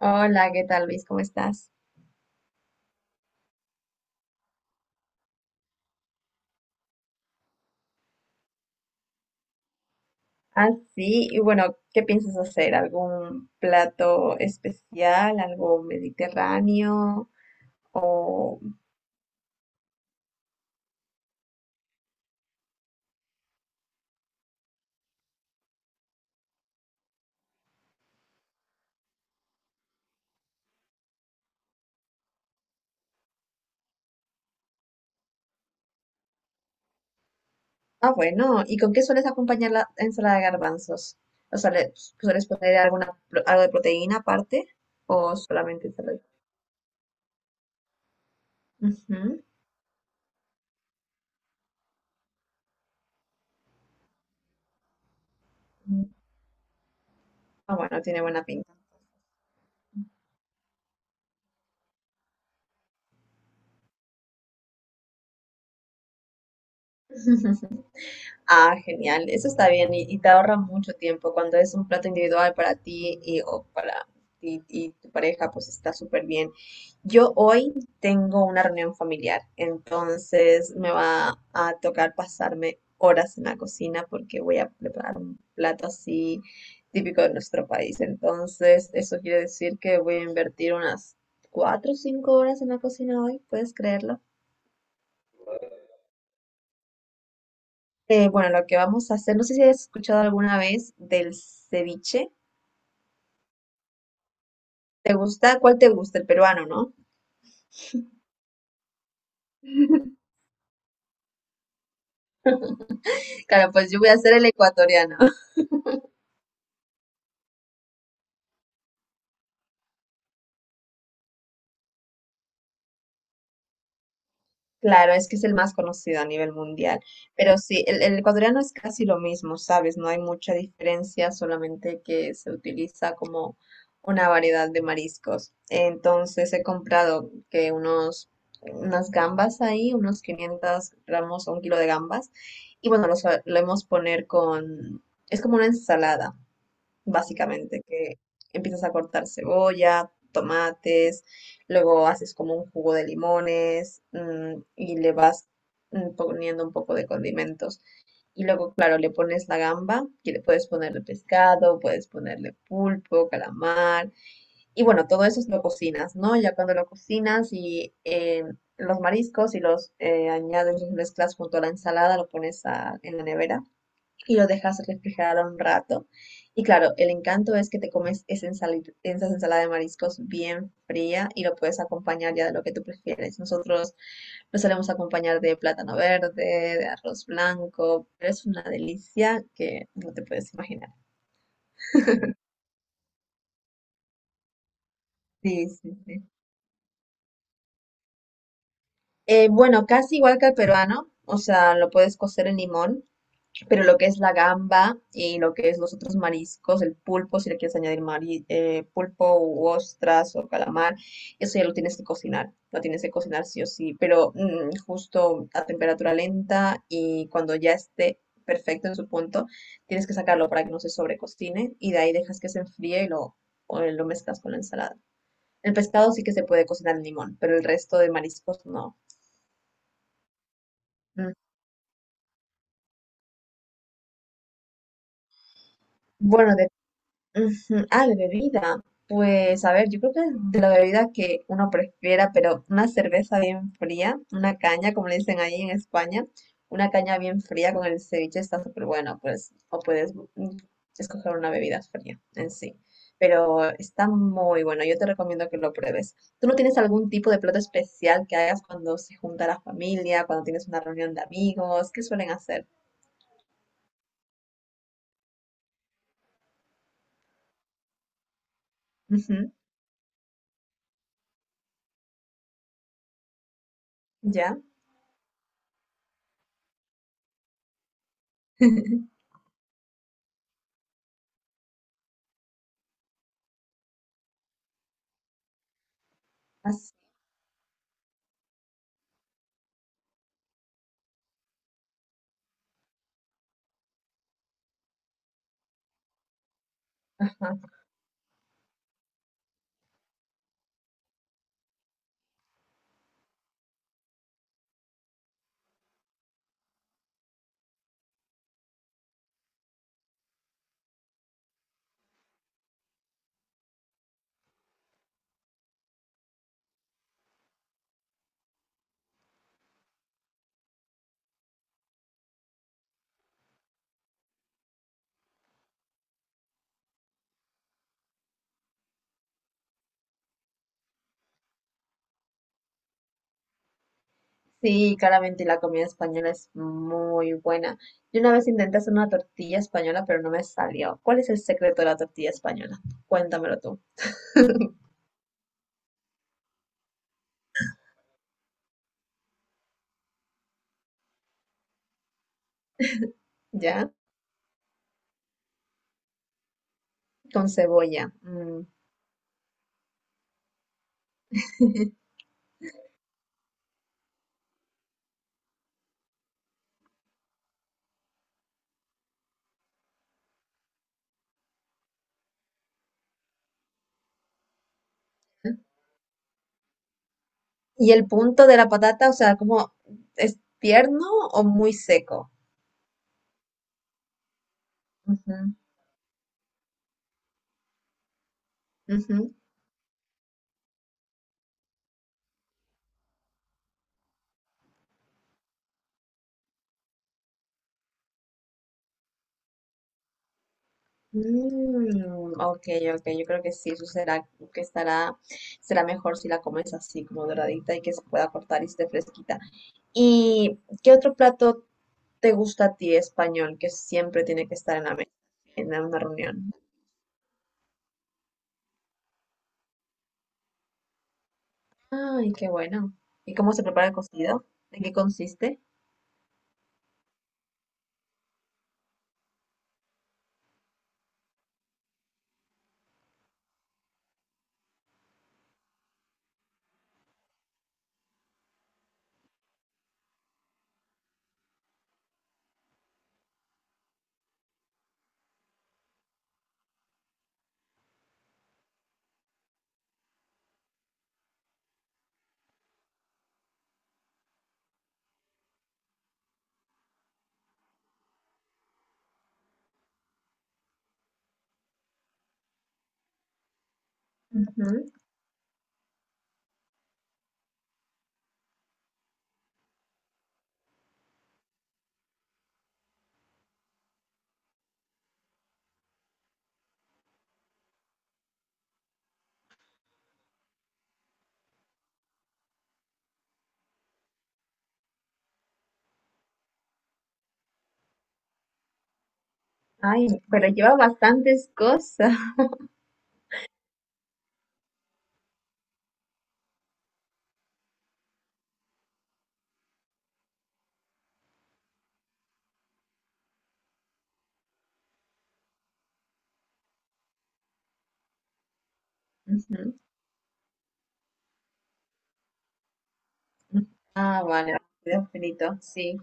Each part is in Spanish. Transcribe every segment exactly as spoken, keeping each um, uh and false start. Hola, ¿qué tal, Luis? ¿Cómo estás? Ah, sí, y bueno, ¿qué piensas hacer? ¿Algún plato especial, algo mediterráneo? O... Ah, bueno, ¿y con qué sueles acompañar la ensalada de garbanzos? ¿O sea, le- sueles poner alguna, pro- algo de proteína aparte o solamente ensalada? Ujú. Ah, bueno, tiene buena pinta. Ah, genial, eso está bien y, y te ahorra mucho tiempo cuando es un plato individual para ti y, o para ti y tu pareja, pues está súper bien. Yo hoy tengo una reunión familiar, entonces me va a tocar pasarme horas en la cocina porque voy a preparar un plato así típico de nuestro país. Entonces, eso quiere decir que voy a invertir unas cuatro o cinco horas en la cocina hoy, ¿puedes creerlo? Eh, bueno, lo que vamos a hacer, no sé si has escuchado alguna vez del ceviche. ¿Te gusta? ¿Cuál te gusta? El peruano, ¿no? Claro, pues yo voy a hacer el ecuatoriano. Claro, es que es el más conocido a nivel mundial, pero sí, el, el ecuatoriano es casi lo mismo, ¿sabes? No hay mucha diferencia, solamente que se utiliza como una variedad de mariscos. Entonces he comprado que unos, unas gambas ahí, unos quinientos gramos o un kilo de gambas, y bueno, lo solemos poner con, es como una ensalada, básicamente, que empiezas a cortar cebolla, tomates, luego haces como un jugo de limones, mm, y le vas mm, poniendo un poco de condimentos. Y luego, claro, le pones la gamba y le puedes ponerle pescado, puedes ponerle pulpo, calamar. Y bueno, todo eso lo cocinas, ¿no? Ya cuando lo cocinas y eh, los mariscos y los eh, añades, los mezclas junto a la ensalada, lo pones a- en la nevera y lo dejas refrigerar un rato. Y claro, el encanto es que te comes esa ensali- esa ensalada de mariscos bien fría y lo puedes acompañar ya de lo que tú prefieres. Nosotros lo solemos acompañar de plátano verde, de arroz blanco, pero es una delicia que no te puedes imaginar. Sí, sí, sí. Eh, bueno, casi igual que el peruano, o sea, lo puedes cocer en limón pero lo que es la gamba y lo que es los otros mariscos, el pulpo, si le quieres añadir mari- eh, pulpo u ostras o calamar, eso ya lo tienes que cocinar, lo tienes que cocinar sí o sí, pero mm, justo a temperatura lenta y cuando ya esté perfecto en su punto, tienes que sacarlo para que no se sobrecocine y de ahí dejas que se enfríe y lo, o lo mezclas con la ensalada. El pescado sí que se puede cocinar en limón, pero el resto de mariscos no. Mm. Bueno, ujú. Ah, de bebida. Pues a ver, yo creo que de la bebida que uno prefiera, pero una cerveza bien fría, una caña, como le dicen ahí en España, una caña bien fría con el ceviche está súper bueno, pues, o puedes mm, escoger una bebida fría en sí. Pero está muy bueno, yo te recomiendo que lo pruebes. ¿Tú no tienes algún tipo de plato especial que hagas cuando se junta la familia, cuando tienes una reunión de amigos? ¿Qué suelen hacer? Ujú. ¿Ya? Así, ajá. Sí, claramente la comida española es muy buena. Yo una vez intenté hacer una tortilla española, pero no me salió. ¿Cuál es el secreto de la tortilla española? Cuéntamelo tú. ¿Ya? Con cebolla. Mm. ¿Y el punto de la patata, o sea, como es tierno o muy seco? Ujú, ujú. Mm, ok, ok, yo creo que sí, eso será que estará, será mejor si la comes así como doradita y que se pueda cortar y esté fresquita. ¿Y qué otro plato te gusta a ti español que siempre tiene que estar en la mesa en una reunión? Ay, qué bueno. ¿Y cómo se prepara el cocido? ¿En qué consiste? Ujú. Ay, pero lleva bastantes cosas. Ujú. Ah, vale, cocido finito, sí.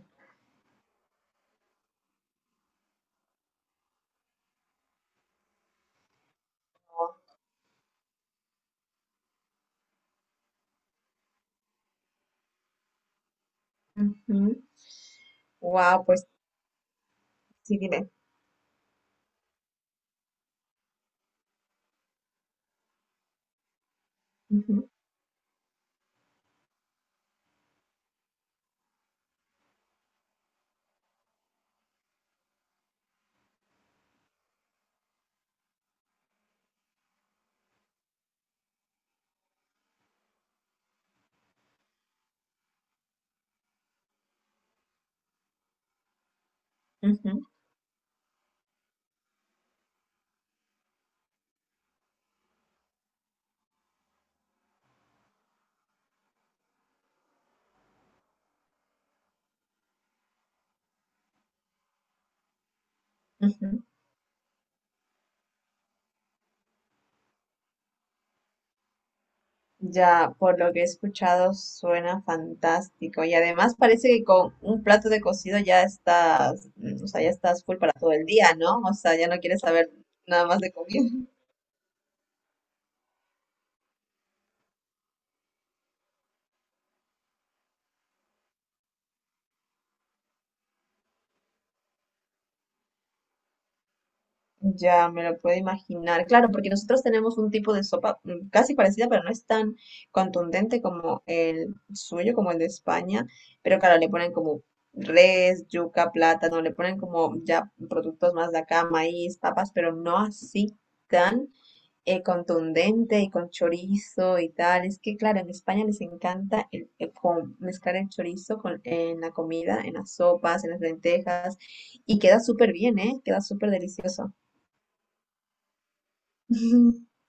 Wow, pues sí, dime. Ujú, ujú, ujú. Ya, por lo que he escuchado, suena fantástico. Y además parece que con un plato de cocido ya estás, mm, o sea, ya estás full para todo el día, ¿no? O sea, ya no quieres saber nada más de comida. Ya me lo puedo imaginar. Claro, porque nosotros tenemos un tipo de sopa mm, casi parecida, pero no es tan contundente como el suyo, como el de España. Pero claro, le ponen como res, yuca, plátano, le ponen como ya productos más de acá, maíz, papas, pero no así tan eh, contundente y con chorizo y tal. Es que, claro, en España les encanta el, el con- mezclar el chorizo con, en la comida, en las sopas, en las lentejas, y queda súper bien, ¿eh? Queda súper delicioso.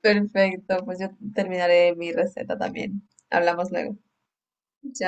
Perfecto, pues yo terminaré mi receta también. Hablamos luego. Chao.